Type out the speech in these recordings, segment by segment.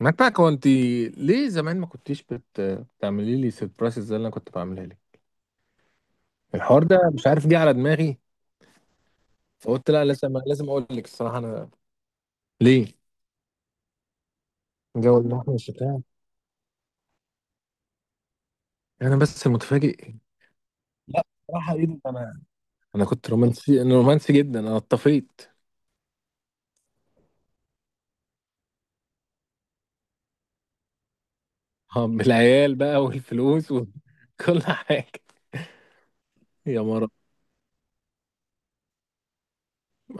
متاك هو انت ليه زمان ما كنتيش بتعملي لي سيربرايز زي اللي انا كنت بعملها لك. الحوار ده مش عارف جه على دماغي، فقلت لا لازم اقول لك الصراحه انا. ليه جو الاحمر الشتاء. انا بس المتفاجئ. لا صراحه ايه ده انا، انا كنت رومانسي انا رومانسي جدا انا اتطفيت. اه، بالعيال بقى والفلوس وكل حاجه. يا مرة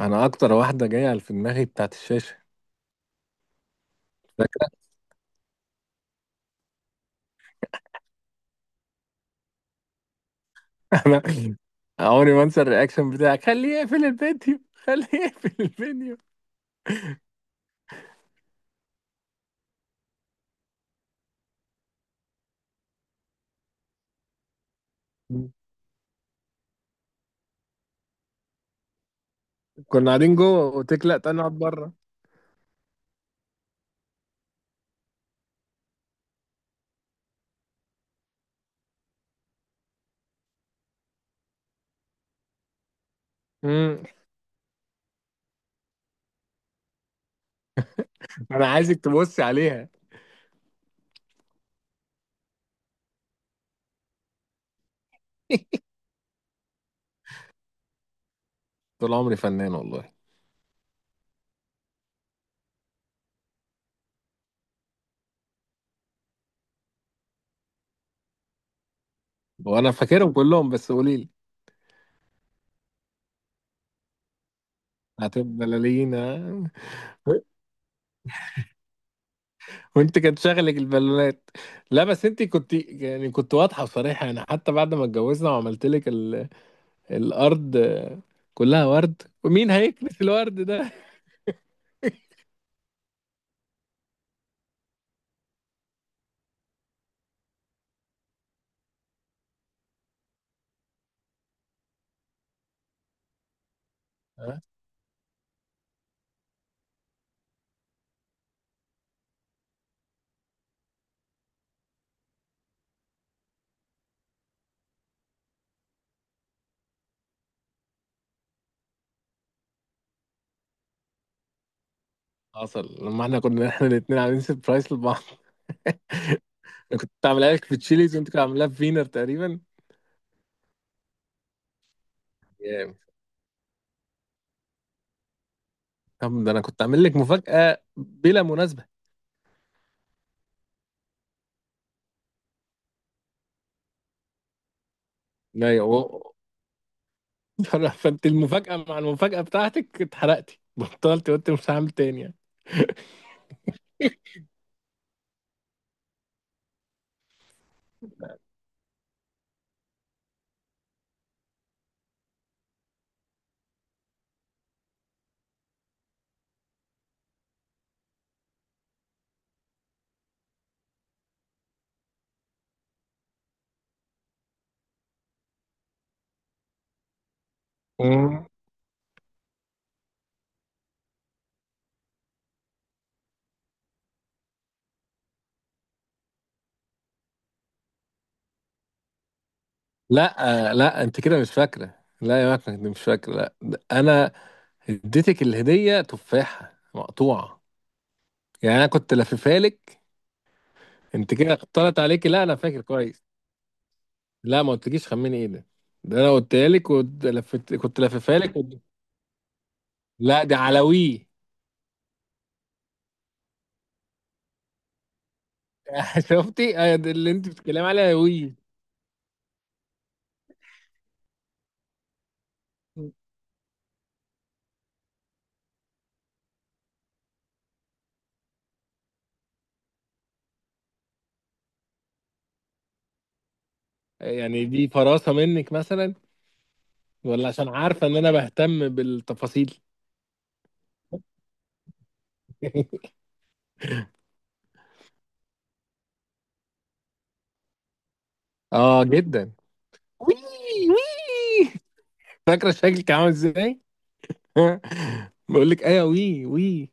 انا اكتر واحده جايه في دماغي بتاعت الشاشه، فاكره. انا عمري ما انسى الرياكشن بتاعك، خليه يقفل الفيديو خليه يقفل الفيديو. مم. كنا قاعدين جوه قلت لك لا تعالى نقعد بره. امم انا عايزك تبصي عليها. طول عمري فنان والله. وانا فاكرهم كلهم بس قولي لي. هتبقى بلالينا. وانت كان شغلك البالونات. لا بس انت كنت يعني كنت واضحه وصريحه يعني، حتى بعد ما اتجوزنا وعملت لك الارض كلها ورد، ومين هيكنس الورد ده؟ ها؟ حصل لما احنا كنا احنا الاثنين عاملين سربرايز لبعض. أنا كنت عاملها لك في تشيليز وانت كنت عاملاها في فينر تقريبا. طب ده انا كنت عامل لك مفاجأة بلا مناسبة. ايوه. فانت المفاجأة مع المفاجأة بتاعتك اتحرقتي بطلت، قلت مش هعمل تاني يعني. مم. لا، لا انت كده مش فاكرة، لا يا مكنة انت مش فاكرة، لا ده انا اديتك الهدية تفاحة مقطوعة، يعني انا كنت لففها لك. انت كده طلعت عليكي، لا انا فاكر كويس. لا ما قلتليش خمني ايه ده. ده انا قلتها لك ولفت، كنت لففها لك لا دي على وي. شفتي، ده اللي انت بتتكلمي عليها وي. يعني دي فراسة منك مثلا، ولا عشان عارفة ان انا بهتم بالتفاصيل. اه جدا. وي وي. فاكرة شكلك عامل ازاي؟ بقول لك ايوه وي وي.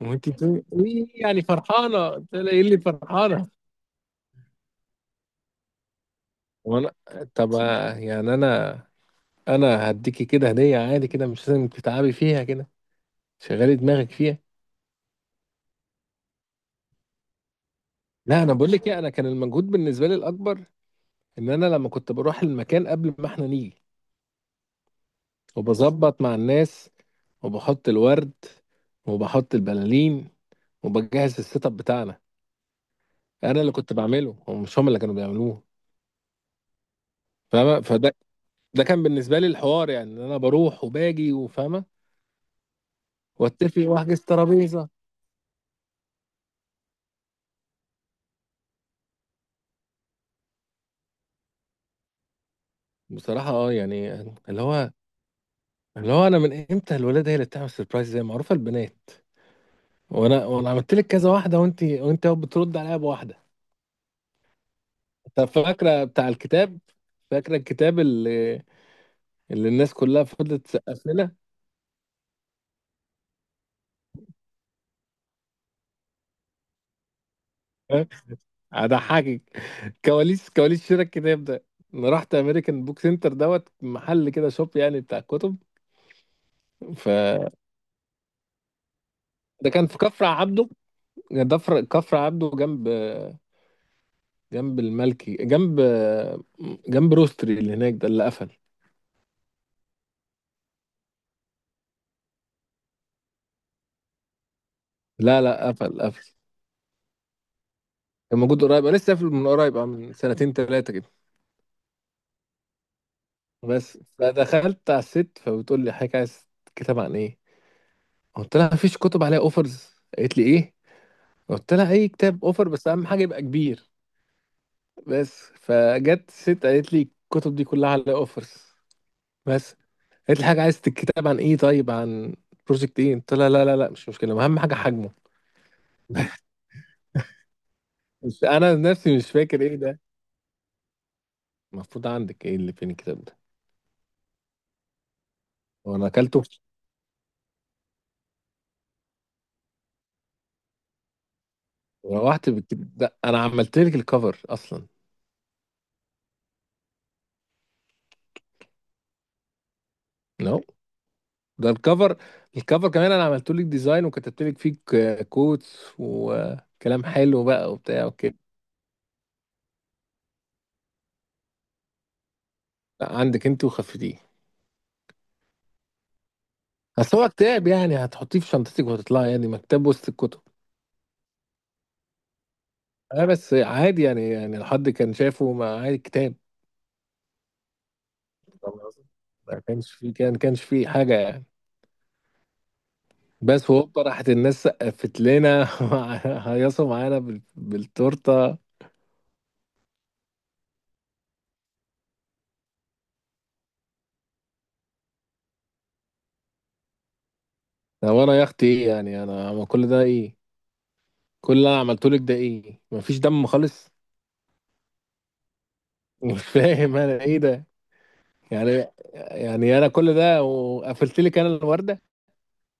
وانت بتقولي وي يعني فرحانة، قلت لها ايه اللي فرحانة؟ وانا، طب يعني انا، انا هديكي كده هدية عادي كده مش لازم تتعبي فيها كده، شغلي دماغك فيها. لا انا بقول لك ايه، انا كان المجهود بالنسبة لي الاكبر ان انا لما كنت بروح المكان قبل ما احنا نيجي وبظبط مع الناس وبحط الورد وبحط البلالين وبجهز السيت اب بتاعنا. انا اللي كنت بعمله هم، مش هم اللي كانوا بيعملوه. فاهمة؟ فده ده كان بالنسبة لي الحوار يعني، ان انا بروح وباجي وفاهمة واتفق واحجز ترابيزة. بصراحة اه يعني، اللي هو اللي هو انا من امتى الولاد هي اللي بتعمل سربرايز، زي معروفة البنات، وانا عملت لك كذا واحدة وانت أهو بترد عليها بواحدة. طب فاكرة بتاع الكتاب، فاكرة الكتاب اللي الناس كلها فضلت تسقف لنا؟ هضحكك. كواليس كواليس شراء الكتاب ده، انا رحت امريكان بوك سنتر دوت محل كده، شوب يعني بتاع كتب. ف ده كان في كفر عبده، كفر عبده جنب، جنب الملكي، جنب روستري اللي هناك ده اللي قفل. لا لا، قفل قفل. كان موجود قريب، انا لسه قافل من قريب من سنتين ثلاثه كده. بس فدخلت على الست فبتقول لي حضرتك عايز كتاب عن ايه، قلت لها مفيش كتب عليها اوفرز، قالت لي ايه، قلت لها اي كتاب اوفر بس اهم حاجه يبقى كبير. بس فجت ست قالت لي الكتب دي كلها على اوفرز بس، قالت لي حاجه عايز الكتاب عن ايه، طيب عن بروجكت ايه، قلت لها لا لا لا مش مشكله، اهم حاجه حجمه. بس انا نفسي مش فاكر ايه ده. المفروض عندك، ايه اللي فين الكتاب ده؟ وانا اكلته؟ روحت بالكتاب ده، انا عملت لك الكفر اصلا. نو. ده الكفر، الكفر كمان انا عملت لك ديزاين وكتبت لك فيه كوتس وكلام حلو بقى وبتاع وكده. لا، عندك انت وخفتيه. أصل هو كتاب، يعني هتحطيه في شنطتِك وهتطلعي يعني مكتبة وسط الكُتب. بس عادي يعني، يعني لو حد كان شافه ما عادي، كتاب. فاهمة قصدي؟ ما كانش في، كان ما كانش في حاجة يعني. بس وهوبا راحت الناس سقّفت لنا. وهيّصوا معانا بالتورتة. هو أنا يا أختي إيه؟ يعني أنا هو كل ده إيه؟ كل اللي أنا عملته لِك ده إيه؟ ما فيش دَم خالص؟ مش فاهم أنا إيه ده؟ يعني يعني أنا كل ده وقفلت لِك أنا الوردة؟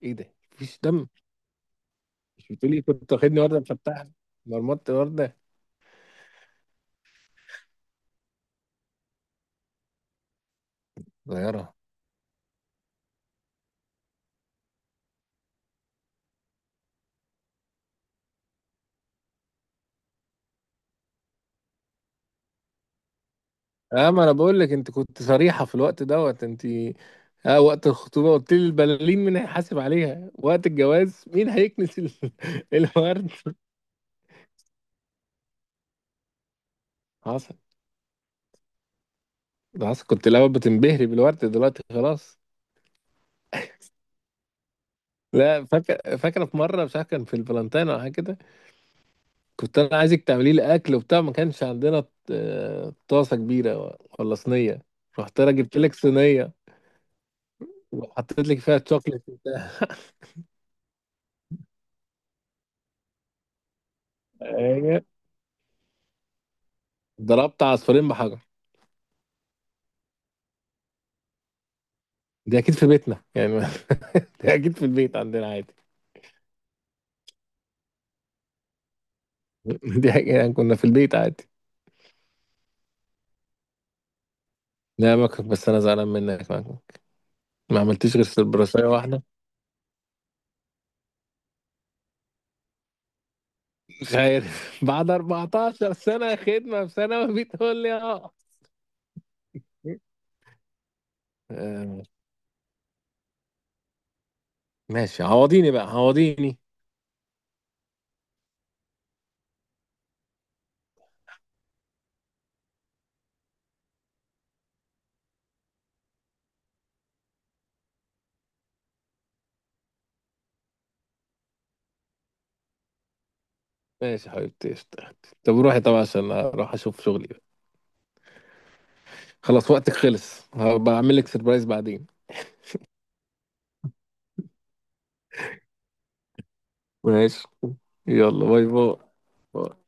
إيه ده؟ ما فيش دَم؟ مش بتقولي كنت واخدني ورده مفتحه؟ مرمطت ورده. صغيره. اه، ما انا بقول لك انت كنت صريحه في الوقت دوت، انت اه وقت الخطوبه قلت لي البلالين مين هيحاسب عليها، وقت الجواز مين هيكنس ال-، الورد. حصل. ده حصل، كنت الاول بتنبهري بالورد، دلوقتي خلاص. لا فاكر، فاكره في مره مش عارف كان في الفالنتين او حاجه كده، كنت انا عايزك تعملي لي اكل وبتاع ما كانش عندنا طاسه كبيره ولا صينيه. رحت انا جبت لك صينيه وحطيت لك فيها شوكليت وبتاع. ضربت عصفورين بحجر. دي اكيد في بيتنا يعني. دي اكيد في البيت عندنا عادي. دي اكيد يعني كنا في البيت عادي. لا مكرك، بس انا زعلان منك مكرك، ما عملتيش غير سيربراسية واحده. مش عارف. بعد 14 سنه خدمه في ثانوي بتقول لي اه. آه، ماشي عوضيني بقى عوضيني. ماشي يا حبيبتي قشطة. طب روحي طبعا عشان اروح اشوف شغلي بقى. خلاص وقتك خلص، هبقى اعمل لك سيربرايز بعدين. ماشي. يلا باي باي. باي.